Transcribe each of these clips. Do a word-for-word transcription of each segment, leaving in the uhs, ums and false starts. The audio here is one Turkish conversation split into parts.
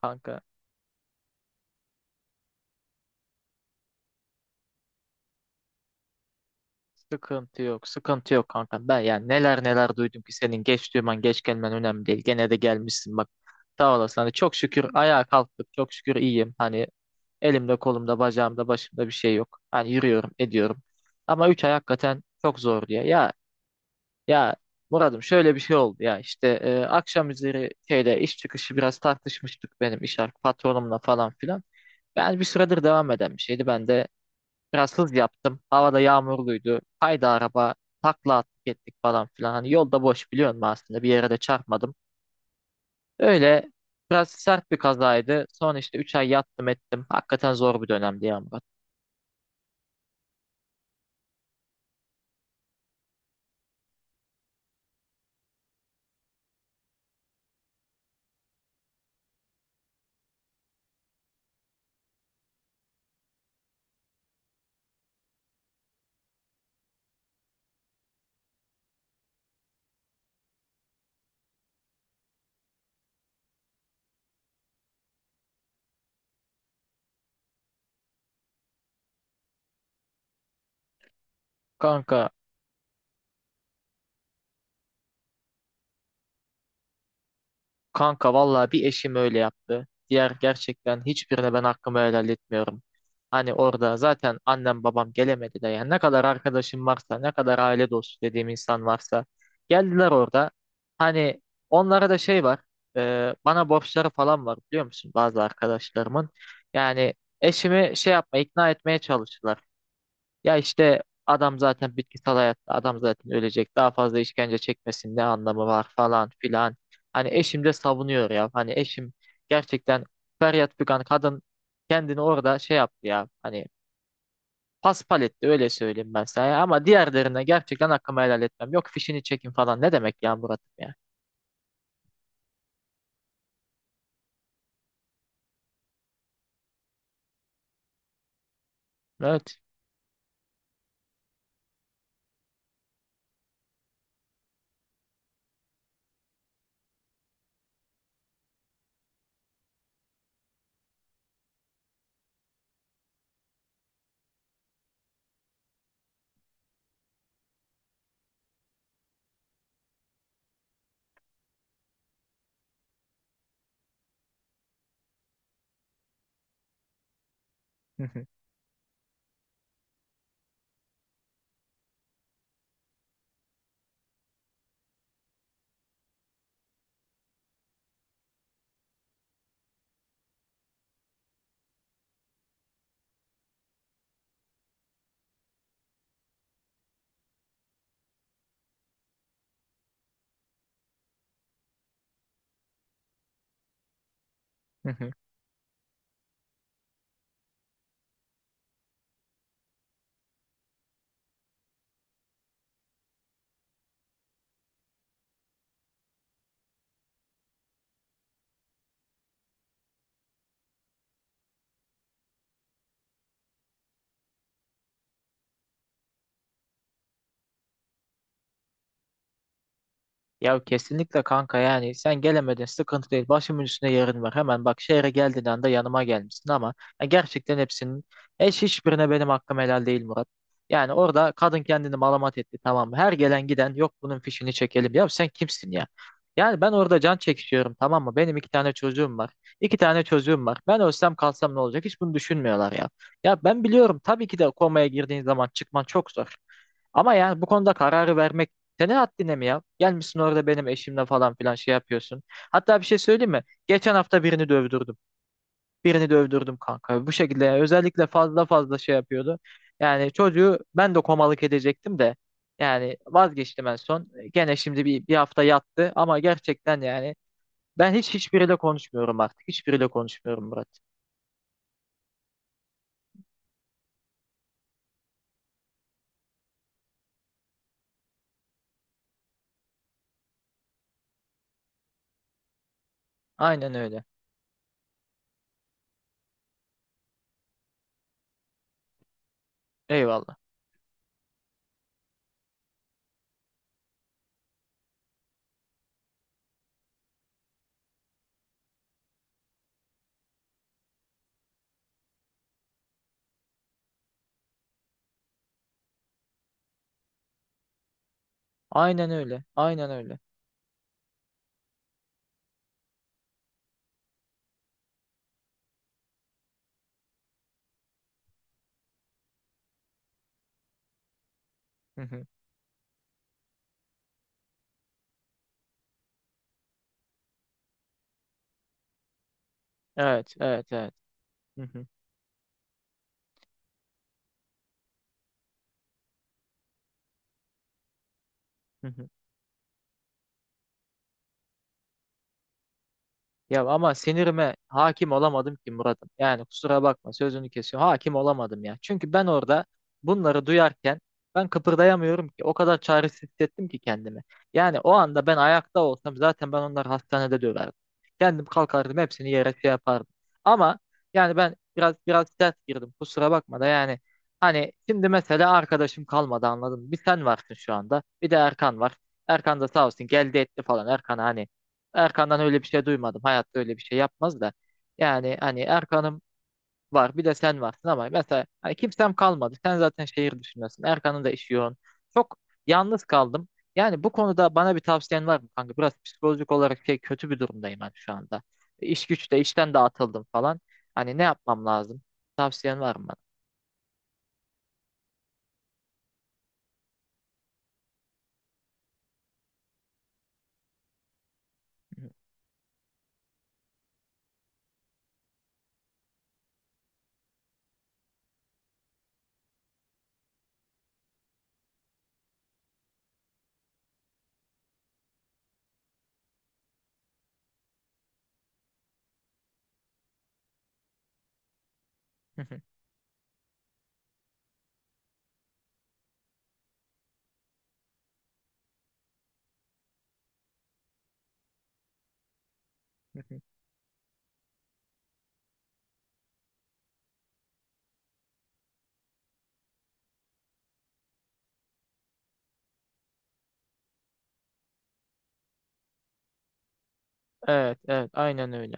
Kanka, sıkıntı yok, sıkıntı yok kanka. Ben yani neler neler duydum ki, senin geç duyman, geç gelmen önemli değil. Gene de gelmişsin, bak sağ olasın. Hani çok şükür ayağa kalktık, çok şükür iyiyim. Hani elimde, kolumda, bacağımda, başımda bir şey yok. Hani yürüyorum, ediyorum. Ama üç ay hakikaten çok zor diye ya. Ya Murat'ım, şöyle bir şey oldu. Ya işte e, akşam üzeri şeyde iş çıkışı biraz tartışmıştık. Benim iş ar- patronumla falan filan. Ben bir süredir devam eden bir şeydi, ben de biraz hız yaptım. Havada yağmurluydu. Haydi, araba takla attık ettik falan filan. Hani yolda boş, biliyor musun, aslında bir yere de çarpmadım. Öyle biraz sert bir kazaydı. Sonra işte üç ay yattım, ettim. Hakikaten zor bir dönemdi ya Murat. Kanka Kanka, vallahi bir eşim öyle yaptı. Diğer gerçekten hiçbirine ben hakkımı helal etmiyorum. Hani orada zaten annem babam gelemedi de, yani ne kadar arkadaşım varsa, ne kadar aile dostu dediğim insan varsa geldiler orada. Hani onlara da şey var, e, bana borçları falan var, biliyor musun, bazı arkadaşlarımın. Yani eşimi şey yapma, ikna etmeye çalıştılar. Ya işte adam zaten bitkisel hayatta, adam zaten ölecek, daha fazla işkence çekmesin, ne anlamı var falan filan. Hani eşim de savunuyor ya. Hani eşim gerçekten feryat figan kadın, kendini orada şey yaptı ya. Hani paspal etti, öyle söyleyeyim ben sana ya. Ama diğerlerine gerçekten hakkımı helal etmem. Yok fişini çekin falan, ne demek ya Murat'ım ya. Evet. Ya kesinlikle kanka, yani sen gelemedin, sıkıntı değil, başımın üstünde yerin var, hemen bak, şehre geldiğin anda yanıma gelmişsin. Ama ya gerçekten hepsinin, eş hiçbirine benim hakkım helal değil Murat. Yani orada kadın kendini malamat etti, tamam mı? Her gelen giden, yok bunun fişini çekelim, ya sen kimsin ya? Yani ben orada can çekişiyorum, tamam mı? Benim iki tane çocuğum var, iki tane çocuğum var, ben ölsem kalsam ne olacak, hiç bunu düşünmüyorlar ya. Ya ben biliyorum tabii ki de komaya girdiğin zaman çıkman çok zor. Ama yani bu konuda kararı vermek senin haddine mi ya? Gelmişsin orada benim eşimle falan filan şey yapıyorsun. Hatta bir şey söyleyeyim mi? Geçen hafta birini dövdürdüm. Birini dövdürdüm kanka. Bu şekilde, yani özellikle fazla fazla şey yapıyordu. Yani çocuğu ben de komalık edecektim de. Yani vazgeçtim en son. Gene şimdi bir, bir hafta yattı, ama gerçekten yani ben hiç hiçbiriyle konuşmuyorum artık. Hiçbiriyle konuşmuyorum Murat. Aynen öyle. Eyvallah. Aynen öyle. Aynen öyle. Hı hı. Evet, evet, evet. Hı hı. Hı hı. Ya ama sinirime hakim olamadım ki Murat'ım. Yani kusura bakma, sözünü kesiyorum. Hakim olamadım ya. Çünkü ben orada bunları duyarken ben kıpırdayamıyorum ki. O kadar çaresiz hissettim ki kendimi. Yani o anda ben ayakta olsam, zaten ben onları hastanede döverdim. Kendim kalkardım, hepsini yere şey yapardım. Ama yani ben biraz biraz sert girdim. Kusura bakma da, yani hani şimdi mesela arkadaşım kalmadı, anladın mı? Bir sen varsın şu anda. Bir de Erkan var. Erkan da sağ olsun, geldi etti falan. Erkan hani, Erkan'dan öyle bir şey duymadım. Hayatta öyle bir şey yapmaz da. Yani hani Erkan'ım var, bir de sen varsın. Ama mesela hani kimsem kalmadı. Sen zaten şehir dışındasın. Erkan'ın da işi yoğun. Çok yalnız kaldım. Yani bu konuda bana bir tavsiyen var mı kanka? Biraz psikolojik olarak şey, kötü bir durumdayım ben şu anda. İş güçte, işten de atıldım falan. Hani ne yapmam lazım? Tavsiyen var mı bana? Evet, evet, aynen öyle.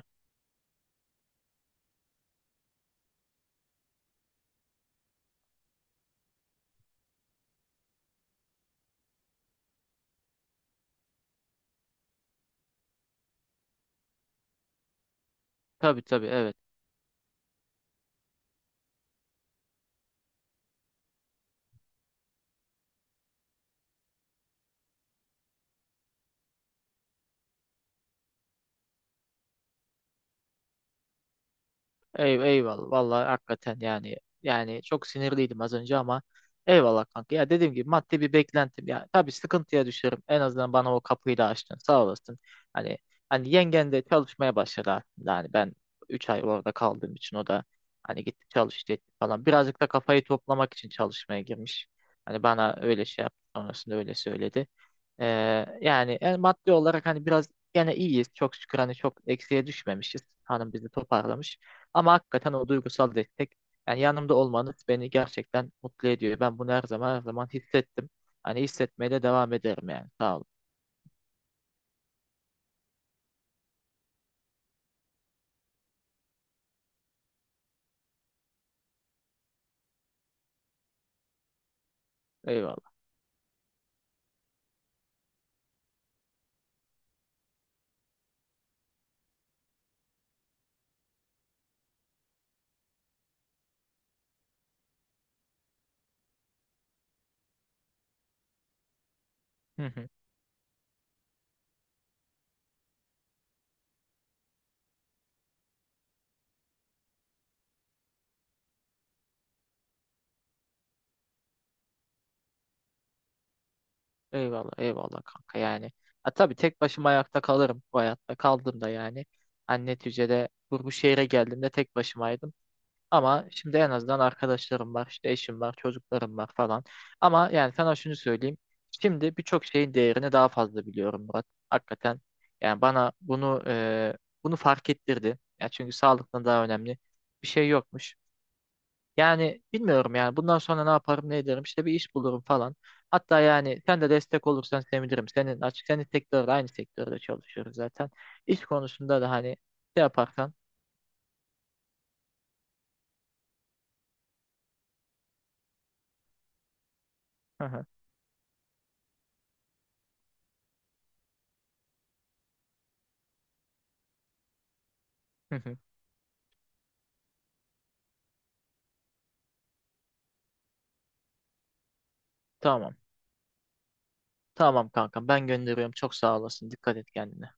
Tabii tabii, evet. Ey, eyvallah vallahi, hakikaten yani, yani çok sinirliydim az önce ama eyvallah kanka. Ya dediğim gibi, maddi bir beklentim, ya tabii sıkıntıya düşerim, en azından bana o kapıyı da açtın, sağ olasın. Hani hani yengen de çalışmaya başladı aslında. Hani ben üç ay orada kaldığım için o da hani gitti, çalıştı etti falan, birazcık da kafayı toplamak için çalışmaya girmiş. Hani bana öyle şey yaptı sonrasında, öyle söyledi. Ee, yani e, maddi olarak hani biraz gene iyiyiz. Çok şükür hani çok eksiye düşmemişiz. Hanım bizi toparlamış. Ama hakikaten o duygusal destek, yani yanımda olmanız beni gerçekten mutlu ediyor. Ben bunu her zaman her zaman hissettim. Hani hissetmeye de devam ederim yani. Sağ olun. Eyvallah. Hı hı. Eyvallah, eyvallah kanka yani. Ha, tabii tek başıma ayakta kalırım bu hayatta. Kaldım da yani. Hani neticede bu, bu şehre geldiğimde tek başımaydım. Ama şimdi en azından arkadaşlarım var, işte eşim var, çocuklarım var falan. Ama yani sana şunu söyleyeyim. Şimdi birçok şeyin değerini daha fazla biliyorum Murat. Hakikaten yani bana bunu e, bunu fark ettirdi. Ya, çünkü sağlıktan daha önemli bir şey yokmuş. Yani bilmiyorum, yani bundan sonra ne yaparım, ne ederim, işte bir iş bulurum falan. Hatta yani sen de destek olursan sevinirim. Senin açık, senin sektörde, aynı sektörde çalışıyoruz zaten. İş konusunda da hani şey yaparsan. Hı hı, hı hı. Tamam. Tamam kankam, ben gönderiyorum. Çok sağ olasın. Dikkat et kendine.